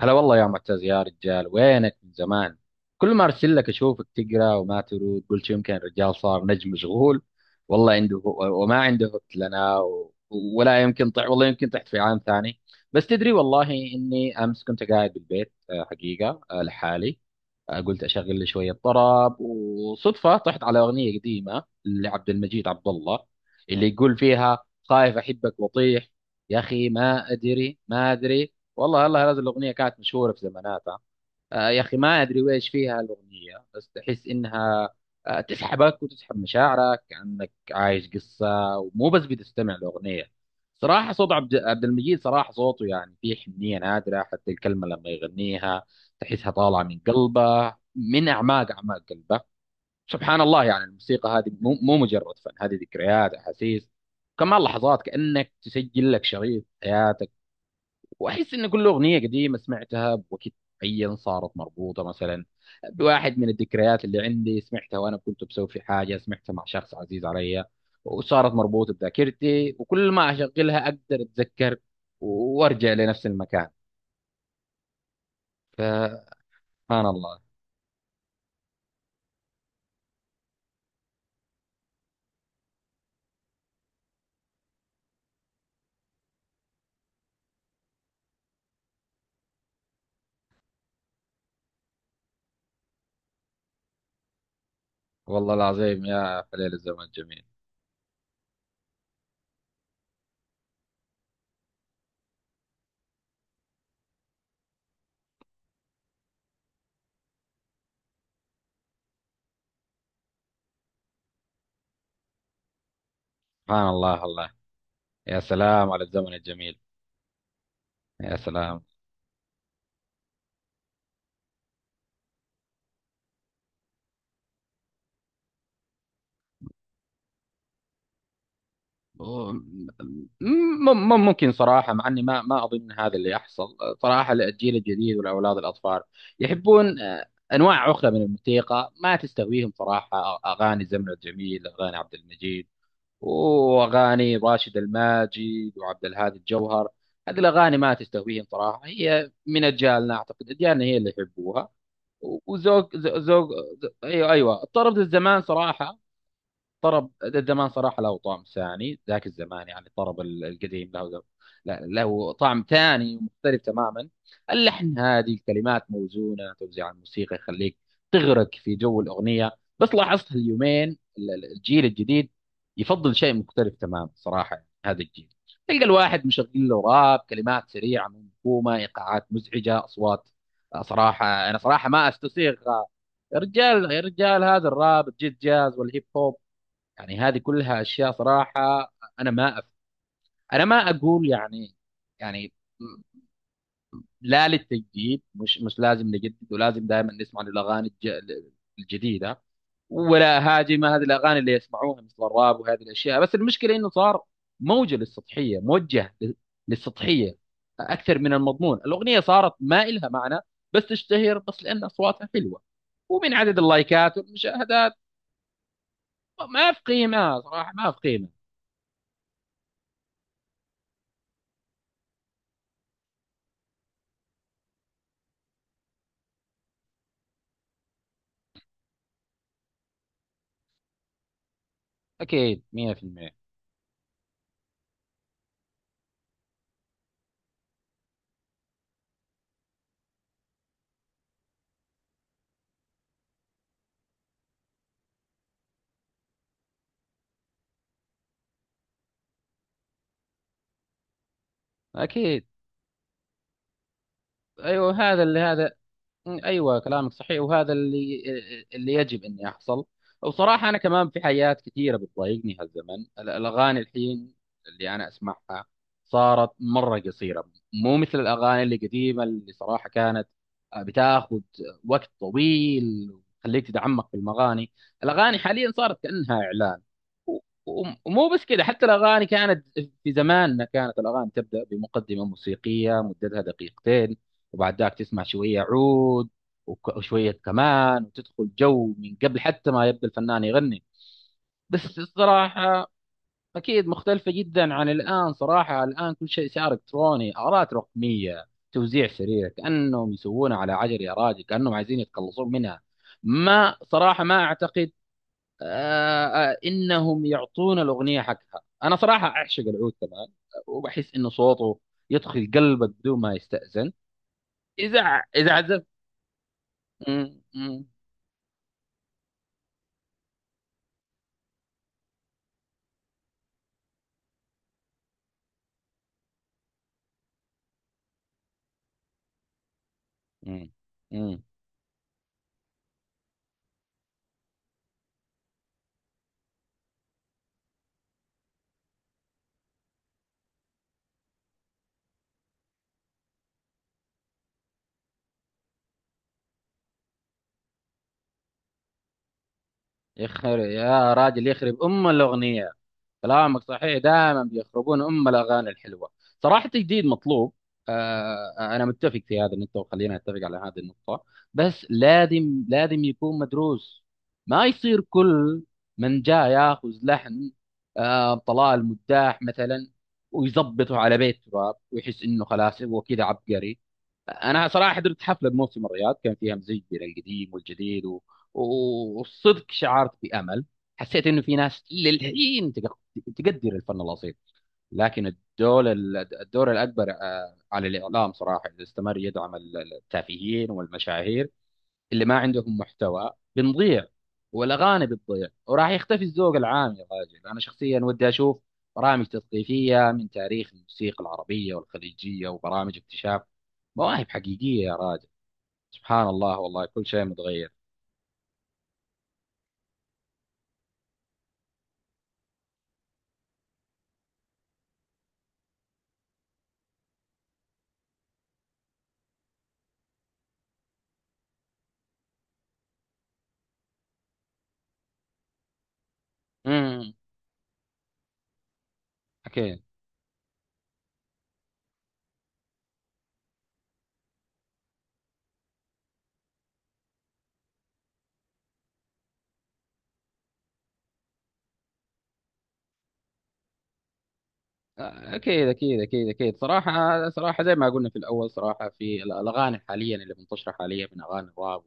هلا والله يا معتز يا رجال، وينك من زمان؟ كل ما ارسل لك اشوفك تقرا وما ترد، قلت يمكن الرجال صار نجم مشغول، والله عنده وما عنده وقت لنا، ولا يمكن والله يمكن طحت في عام ثاني. بس تدري والله اني امس كنت قاعد بالبيت، حقيقه، لحالي. قلت اشغل لي شويه طرب، وصدفه طحت على اغنيه قديمه لعبد المجيد عبد الله، اللي يقول فيها خايف احبك واطيح. يا اخي ما ادري ما ادري والله هذه الاغنيه كانت مشهوره في زماناتها. يا أخي ما أدري ويش فيها الأغنية، بس تحس إنها، تسحبك وتسحب مشاعرك كأنك عايش قصة، ومو بس بتستمع لأغنية. صراحة صوت عبد المجيد، صراحة صوته يعني فيه حنية نادرة، حتى الكلمة لما يغنيها تحسها طالعة من قلبه، من أعماق أعماق قلبه. سبحان الله، يعني الموسيقى هذه مو مجرد فن، هذه ذكريات، أحاسيس كمان، لحظات، كأنك تسجل لك شريط حياتك. واحس ان كل اغنيه قديمه سمعتها بوقت معين صارت مربوطه، مثلا بواحد من الذكريات اللي عندي، سمعتها وانا كنت بسوي في حاجه، سمعتها مع شخص عزيز علي، وصارت مربوطه بذاكرتي، وكل ما اشغلها اقدر اتذكر وارجع لنفس المكان. فسبحان الله. والله العظيم يا خليل، الزمن الجميل. سبحان الله. الله يا سلام على الزمن الجميل. يا سلام. و- م- ممكن صراحة، مع أني ما أظن هذا اللي يحصل. صراحة الجيل الجديد والأولاد الأطفال يحبون أنواع أخرى من الموسيقى، ما تستهويهم صراحة أغاني زمن الجميل، أغاني عبد المجيد وأغاني راشد الماجد وعبد الهادي الجوهر. هذه الأغاني ما تستهويهم صراحة، هي من أجيالنا، أعتقد أجيالنا هي اللي يحبوها. وذوق ذوق ذوق- أيوه أيوه، الطرب ذا الزمان صراحة، طرب زمان صراحة له طعم ثاني، ذاك الزمان يعني الطرب القديم له، له طعم ثاني ومختلف تماما. اللحن هادي، الكلمات موزونة، توزيع الموسيقى يخليك تغرق في جو الأغنية. بس لاحظت اليومين الجيل الجديد يفضل شيء مختلف تماما صراحة. يعني هذا الجيل تلقى الواحد مشغل له راب، كلمات سريعة منكومة، إيقاعات مزعجة، أصوات. صراحة أنا صراحة ما أستسيغ. يا رجال يا رجال، هذا الراب الجيت جاز والهيب هوب، يعني هذه كلها اشياء صراحه، انا ما أف... انا ما اقول يعني، يعني لا للتجديد، مش لازم نجدد ولازم دائما نسمع الجديده. ولا هاجم هذه الاغاني اللي يسمعوها مثل الراب وهذه الاشياء، بس المشكله انه صار موجه للسطحيه، موجه للسطحيه اكثر من المضمون. الاغنيه صارت ما إلها معنى، بس تشتهر بس لان اصواتها حلوه، ومن عدد اللايكات والمشاهدات. ما في قيمه صراحه، ما في قيمه. اكيد. 100%. أكيد. أيوه هذا اللي هذا. أيوه كلامك صحيح، وهذا اللي، اللي يجب أن يحصل. وبصراحة أنا كمان في حاجات كثيرة بتضايقني هالزمن، الأغاني الحين اللي أنا أسمعها صارت مرة قصيرة، مو مثل الأغاني اللي قديمة، اللي صراحة كانت بتاخذ وقت طويل وتخليك تتعمق في المغاني. الأغاني حاليا صارت كأنها إعلان. و- و- ومو بس كذا، حتى الاغاني كانت في زماننا كانت الاغاني تبدا بمقدمه موسيقيه مدتها دقيقتين، وبعد ذاك تسمع شويه عود، وشويه كمان، وتدخل جو من قبل حتى ما يبدا الفنان يغني. بس الصراحه اكيد مختلفه جدا عن الان. صراحه الان كل شيء صار الكتروني، ارات رقميه، توزيع سريع، كانهم يسوونها على عجل، يا راجل كانهم عايزين يتخلصون منها. ما صراحه ما اعتقد آه، انهم يعطونا الاغنيه حقها. انا صراحه اعشق العود كمان، وبحس انه صوته يدخل قلبك بدون ما يستأذن اذا عزف. مم، مم، مم، مم. يخرب يا راجل، يخرب ام الاغنيه، كلامك صحيح، دائما بيخربون ام الاغاني الحلوه. صراحه تجديد مطلوب، انا متفق في هذا النقطه، وخلينا نتفق على هذه النقطه، بس لازم يكون مدروس، ما يصير كل من جاء ياخذ لحن، طلال مداح مثلا، ويظبطه على بيت تراب ويحس انه خلاص هو كذا عبقري. انا صراحه حضرت حفله بموسم الرياض، كان فيها مزيج بين القديم والجديد، والصدق شعرت بامل، حسيت انه في ناس للحين تقدر الفن الاصيل، لكن الدور الاكبر، على الاعلام صراحه، اذا استمر يدعم التافهين والمشاهير اللي ما عندهم محتوى، بنضيع، والاغاني بتضيع، وراح يختفي الذوق العام يا راجل. انا شخصيا ودي اشوف برامج تثقيفيه من تاريخ الموسيقى العربيه والخليجيه، وبرامج اكتشاف مواهب حقيقيه يا راجل. سبحان الله والله، كل شيء متغير. امم، اكيد اكيد اكيد اكيد اكيد. صراحه صراحه زي ما قلنا في الاول، صراحه في الاغاني حاليا اللي منتشره حاليا من اغاني الراب،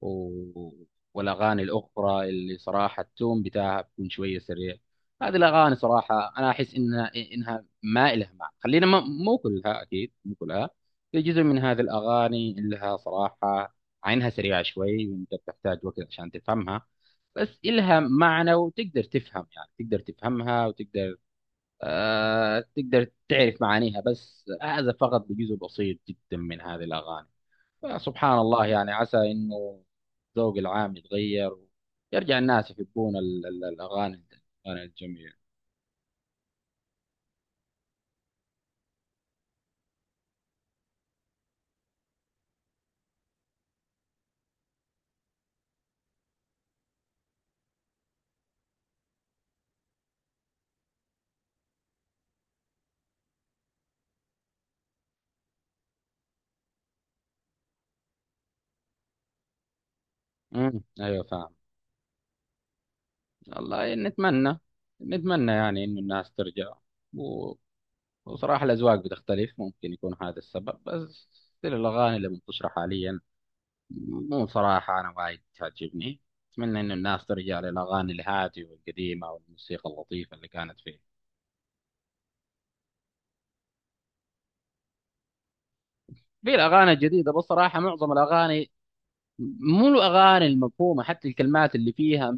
و... والاغاني الاخرى اللي صراحه التون بتاعها بيكون شويه سريع، هذه الاغاني صراحه انا احس انها ما لها معنى. خلينا ما... مو كلها، اكيد مو كلها، في جزء من هذه الاغاني لها صراحه، عينها سريعه شوي وانت بتحتاج وقت عشان تفهمها، بس إلها معنى وتقدر تفهم، يعني تقدر تفهمها وتقدر، تقدر تعرف معانيها، بس هذا فقط بجزء بسيط جدا من هذه الأغاني. فسبحان الله، يعني عسى إنه الذوق العام يتغير، ويرجع الناس يحبون الأغاني الأغاني الجميلة. امم، أيوة فاهم. والله نتمنى، نتمنى يعني إنه الناس ترجع، و- وصراحة الأذواق بتختلف، ممكن يكون هذا السبب، بس still الأغاني اللي منتشرة حاليا مو صراحة أنا وايد تعجبني. أتمنى إن الناس ترجع للأغاني الهادية والقديمة والموسيقى اللطيفة اللي كانت فيه. في الأغاني الجديدة بصراحة معظم الأغاني، مو الأغاني المفهومة، حتى الكلمات اللي فيها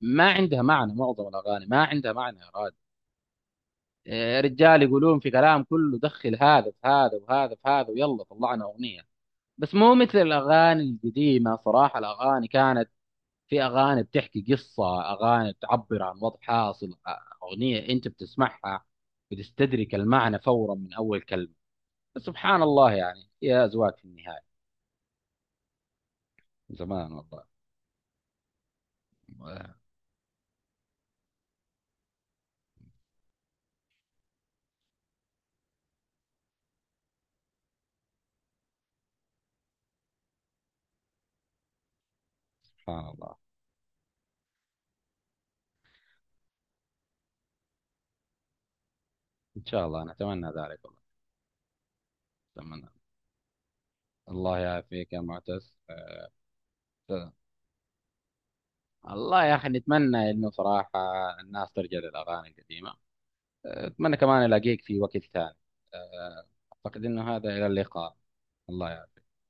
ما عندها معنى، معظم الأغاني ما عندها معنى يا راد. إيه، رجال يقولون في كلام كله، دخل هذا في هذا وهذا في هذا، ويلا طلعنا أغنية. بس مو مثل الأغاني القديمة. صراحة الأغاني كانت، في اغاني بتحكي قصه، اغاني تعبر عن وضع حاصل، اغنيه انت بتسمعها بتستدرك المعنى فورا من اول كلمه. سبحان الله، يعني يا ازواج في النهايه، زمان والله. سبحان الله. ان شاء الله نتمنى ذلك والله، نتمنى. الله يعافيك يا معتز. أه، الله يا اخي، نتمنى انه صراحه الناس ترجع للاغاني القديمه. اتمنى كمان الاقيك في وقت ثاني. أه، اعتقد انه هذا الى اللقاء. الله.